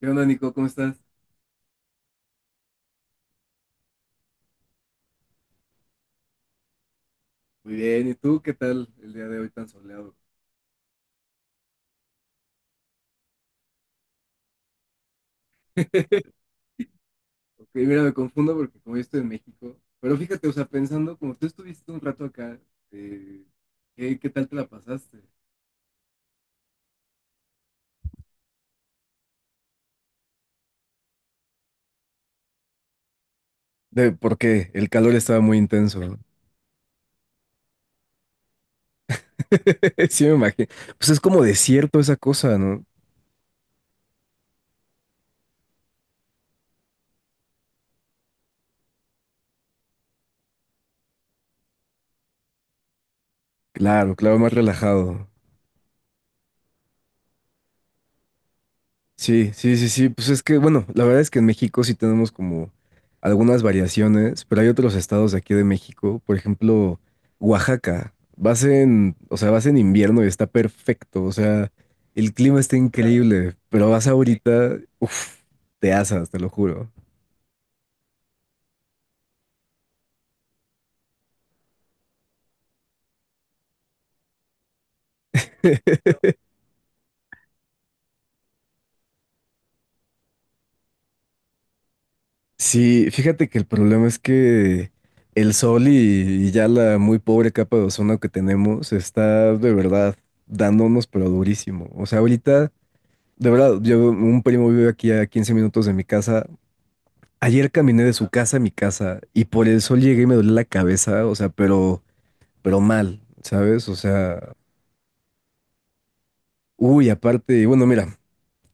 ¿Qué onda, Nico? ¿Cómo estás? Muy bien. ¿Y tú qué tal el día de hoy tan soleado? Ok, mira, me confundo porque como yo estoy en México, pero fíjate, o sea, pensando, como tú estuviste un rato acá, eh, ¿qué tal te la pasaste? Porque el calor estaba muy intenso, ¿no? Sí, me imagino. Pues es como desierto esa cosa, ¿no? Claro, claro, más relajado. Sí, sí, sí, sí. Pues es que, bueno, la verdad es que en México sí tenemos como algunas variaciones, pero hay otros estados de aquí de México, por ejemplo, Oaxaca. Vas en invierno y está perfecto, o sea, el clima está increíble, pero vas ahorita, uff, te asas, te lo juro. Sí, fíjate que el problema es que el sol y ya la muy pobre capa de ozono que tenemos está de verdad dándonos pero durísimo. O sea, ahorita. De verdad, un primo vive aquí a 15 minutos de mi casa. Ayer caminé de su casa a mi casa y por el sol llegué y me dolía la cabeza, o sea, pero mal, ¿sabes? O sea, uy, aparte, y bueno, mira,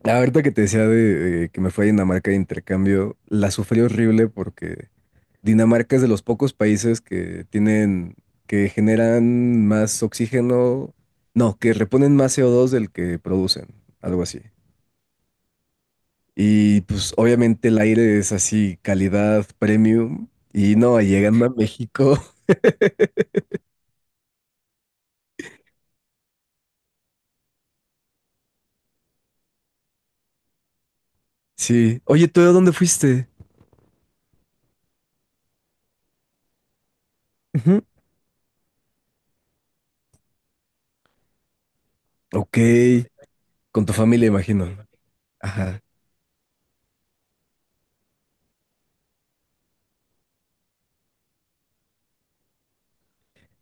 ahorita que te decía de que me fui a Dinamarca de intercambio, la sufrí horrible porque Dinamarca es de los pocos países que generan más oxígeno, no, que reponen más CO2 del que producen, algo así. Y pues obviamente el aire es así, calidad premium. Y no, llegando a México, sí. Oye, ¿tú de dónde fuiste? Ujú. Ok, con tu familia, imagino. Ajá,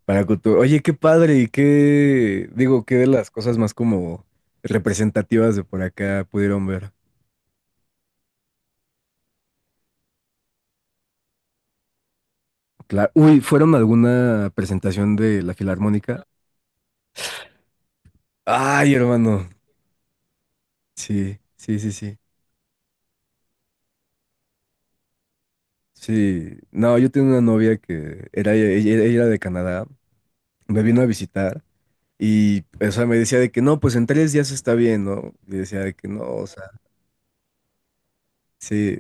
para cultura. Oye, qué padre y qué, digo, qué de las cosas más como representativas de por acá pudieron ver. Claro. Uy, ¿fueron a alguna presentación de la Filarmónica? Ay, hermano. Sí, sí, sí, sí. Sí. No, yo tenía una novia que era, ella era de Canadá. Me vino a visitar y, o sea, me decía de que no, pues en 3 días está bien, ¿no? Y decía de que no, o sea, sí,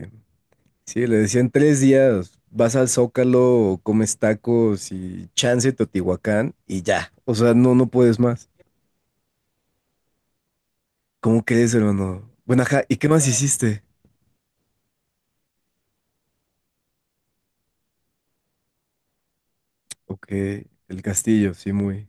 sí, le decía en 3 días vas al Zócalo, comes tacos y chance Teotihuacán y ya, o sea, no, no puedes más. ¿Cómo crees, hermano? Bueno, ajá, ¿y qué más hiciste? Ok, el castillo, sí, muy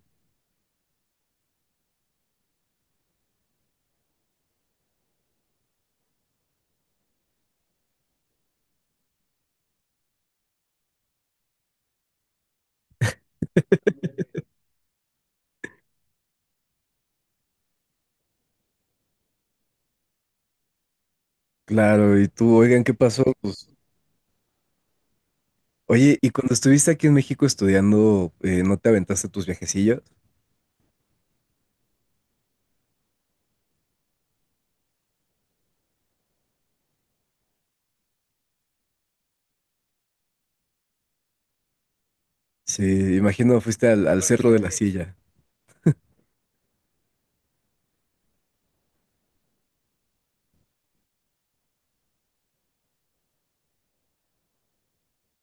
claro. Y tú, oigan, ¿qué pasó? Pues, oye, ¿y cuando estuviste aquí en México estudiando, no te aventaste tus viajecillos? Sí, imagino fuiste al Cerro de la Silla,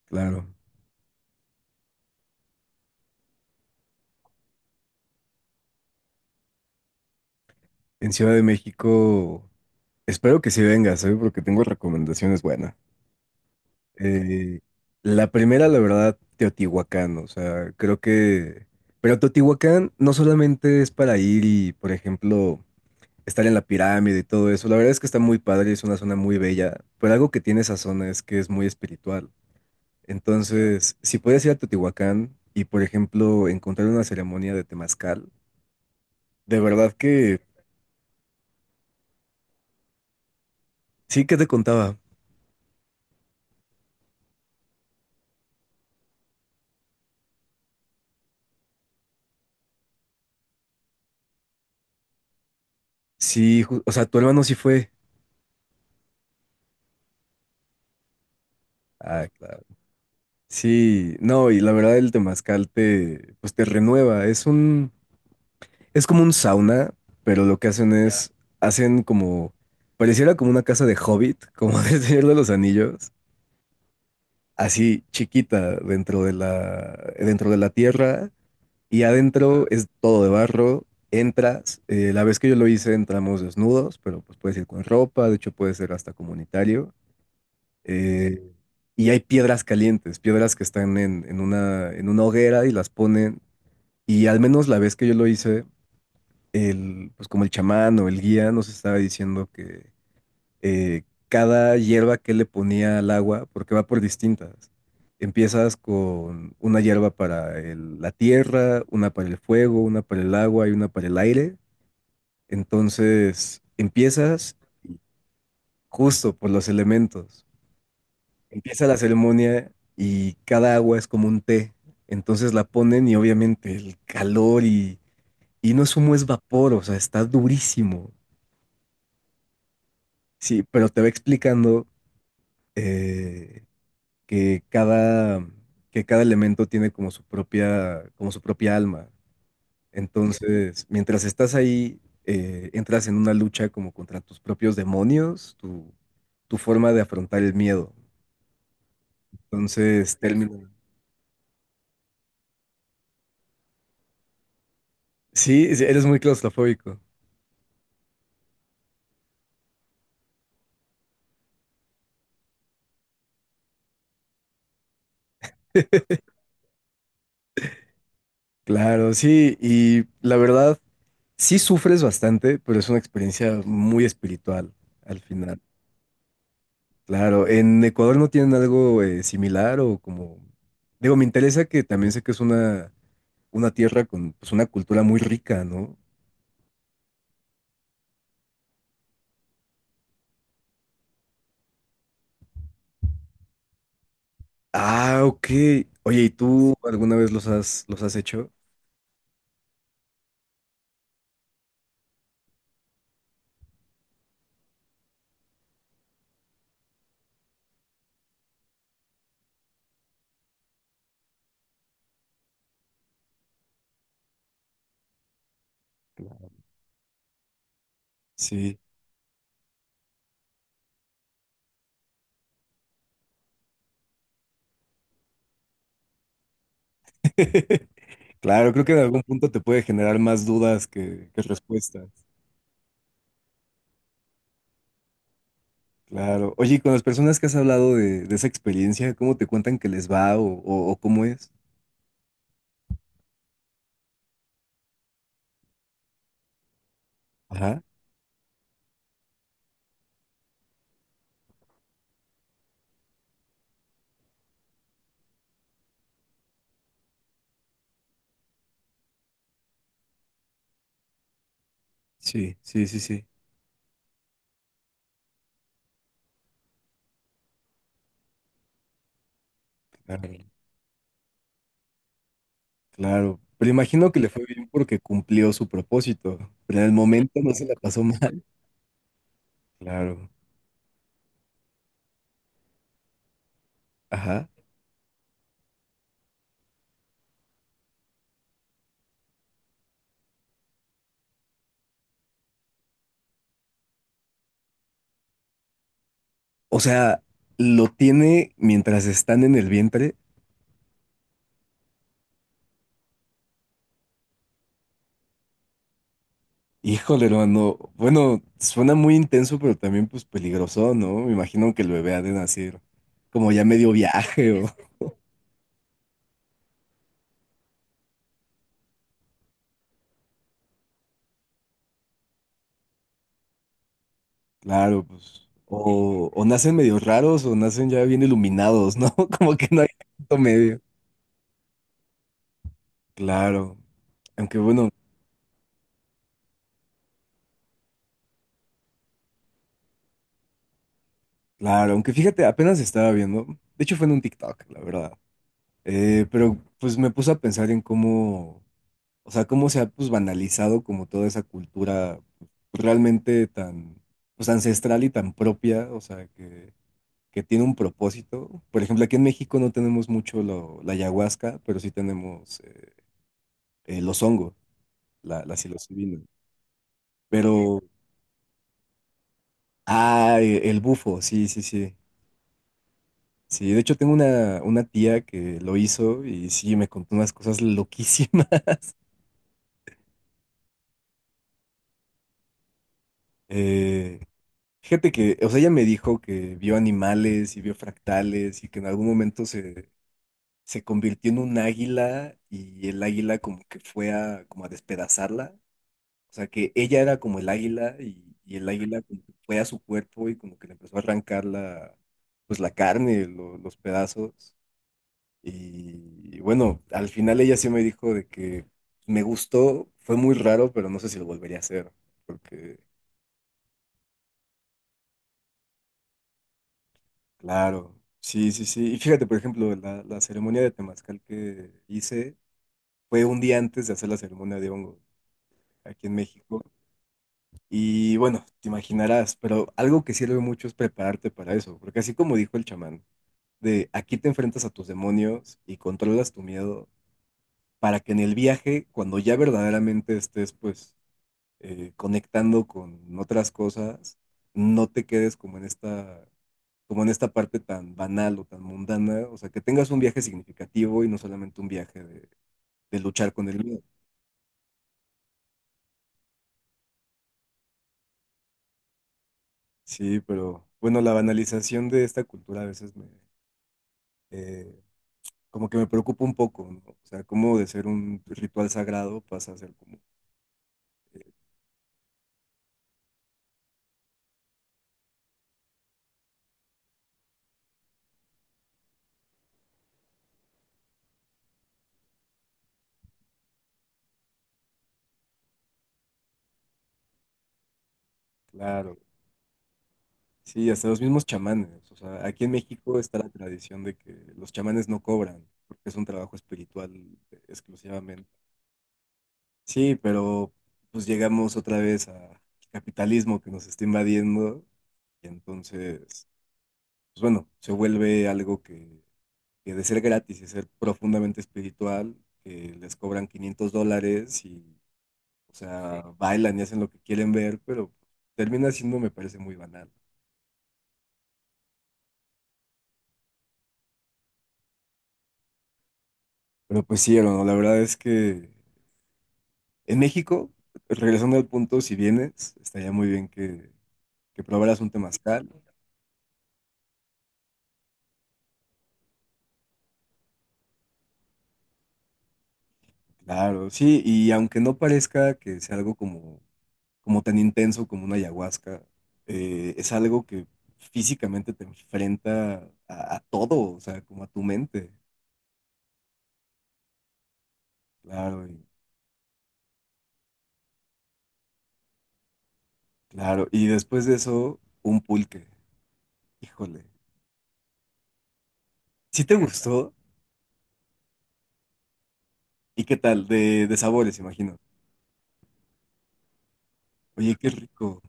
claro. En Ciudad de México, espero que sí vengas, ¿sabes? Porque tengo recomendaciones buenas. Eh, la primera, la verdad, Teotihuacán, o sea, creo que... Pero Teotihuacán no solamente es para ir y, por ejemplo, estar en la pirámide y todo eso, la verdad es que está muy padre, es una zona muy bella, pero algo que tiene esa zona es que es muy espiritual. Entonces, si puedes ir a Teotihuacán y, por ejemplo, encontrar una ceremonia de temazcal, de verdad que... Sí, ¿que te contaba? Sí, o sea, tu hermano sí fue. Ah, claro. Sí, no, y la verdad el temazcal te renueva. Es como un sauna, pero lo que hacen es, hacen como, pareciera como una casa de Hobbit, como del Señor de los Anillos, así chiquita dentro de la tierra, y adentro es todo de barro. La vez que yo lo hice entramos desnudos, pero pues puedes ir con ropa, de hecho puede ser hasta comunitario. Eh, y hay piedras calientes, piedras que están en una hoguera y las ponen. Y al menos la vez que yo lo hice, pues como el chamán o el guía nos estaba diciendo que eh, cada hierba que le ponía al agua, porque va por distintas. Empiezas con una hierba para la tierra, una para el fuego, una para el agua y una para el aire. Entonces empiezas justo por los elementos. Empieza la ceremonia y cada agua es como un té. Entonces la ponen y obviamente el calor y no es humo, es vapor, o sea, está durísimo. Sí, pero te va explicando eh, que cada, que cada elemento tiene como su propia alma. Entonces, mientras estás ahí, entras en una lucha como contra tus propios demonios, tu forma de afrontar el miedo. Entonces, termina. Sí, sí, eres muy claustrofóbico. Claro, sí, y la verdad, sí sufres bastante, pero es una experiencia muy espiritual al final. Claro, ¿en Ecuador no tienen algo similar o como...? Digo, me interesa que también sé que es una tierra con pues, una cultura muy rica, ¿no? Ah, ok. Oye, ¿y tú alguna vez los has hecho? Sí. Claro, creo que en algún punto te puede generar más dudas que respuestas. Claro. Oye, y con las personas que has hablado de esa experiencia, ¿cómo te cuentan que les va o cómo es? Ajá. Sí, sí, sí, sí. Claro. Ok. Claro. Pero imagino que le fue bien porque cumplió su propósito, pero en el momento no se la pasó mal. Claro. Ajá. O sea, lo tiene mientras están en el vientre. Híjole, hermano. Bueno, suena muy intenso, pero también pues peligroso, ¿no? Me imagino que el bebé ha de nacer como ya medio viaje o... Claro, pues. O nacen medio raros o nacen ya bien iluminados, ¿no? Como que no hay punto medio. Claro. Aunque bueno, claro, aunque fíjate, apenas estaba viendo. De hecho, fue en un TikTok, la verdad. Pero pues me puse a pensar en cómo, o sea, cómo se ha pues banalizado como toda esa cultura pues, realmente tan, pues ancestral y tan propia, o sea, que tiene un propósito. Por ejemplo, aquí en México no tenemos mucho la ayahuasca, pero sí tenemos los hongos. La psilocibina. Pero, el bufo, sí, sí, sí. Sí, de hecho tengo una tía que lo hizo y sí, me contó unas cosas loquísimas. Eh, fíjate que, o sea, ella me dijo que vio animales y vio fractales y que en algún momento se convirtió en un águila y el águila como que fue como a despedazarla. O sea, que ella era como el águila y el águila como que fue a su cuerpo y como que le empezó a arrancar pues la carne, los pedazos. Y bueno, al final ella sí me dijo de que me gustó, fue muy raro, pero no sé si lo volvería a hacer. Porque, claro, sí, sí, sí. Y fíjate, por ejemplo, la ceremonia de temazcal que hice fue un día antes de hacer la ceremonia de hongo aquí en México. Y bueno, te imaginarás, pero algo que sirve mucho es prepararte para eso, porque así como dijo el chamán, de aquí te enfrentas a tus demonios y controlas tu miedo para que en el viaje, cuando ya verdaderamente estés pues conectando con otras cosas, no te quedes como en esta parte tan banal o tan mundana, o sea, que tengas un viaje significativo y no solamente un viaje de luchar con el miedo. Sí, pero bueno, la banalización de esta cultura a veces eh, como que me preocupa un poco, ¿no? O sea, cómo de ser un ritual sagrado pasa a ser como, claro, sí, hasta los mismos chamanes. O sea, aquí en México está la tradición de que los chamanes no cobran, porque es un trabajo espiritual exclusivamente. Sí, pero pues llegamos otra vez al capitalismo que nos está invadiendo y entonces, pues bueno, se vuelve algo que de ser gratis y ser profundamente espiritual, que les cobran $500 y, o sea, sí, bailan y hacen lo que quieren ver, pero termina siendo, me parece, muy banal. Pero pues sí, hermano, la verdad es que en México, regresando al punto, si vienes, estaría muy bien que, probaras un temazcal. Claro, sí, y aunque no parezca que sea algo como tan intenso como una ayahuasca, es algo que físicamente te enfrenta a todo, o sea, como a tu mente. Claro, claro. Y después de eso, un pulque. Híjole. ¿Sí te gustó? ¿Y qué tal? De sabores, imagino. Oye, qué rico.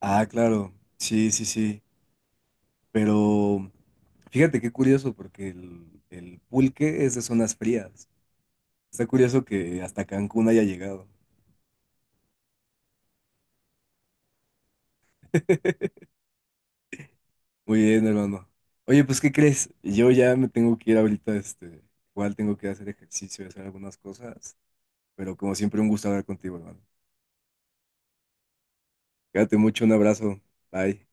Ah, claro. Sí, sí, sí. Pero fíjate qué curioso, porque el pulque es de zonas frías. Está curioso que hasta Cancún haya llegado. Muy bien, hermano. Oye, pues, ¿qué crees? Yo ya me tengo que ir ahorita, igual tengo que hacer ejercicio y hacer algunas cosas, pero como siempre, un gusto hablar contigo, hermano. Cuídate mucho, un abrazo. Bye.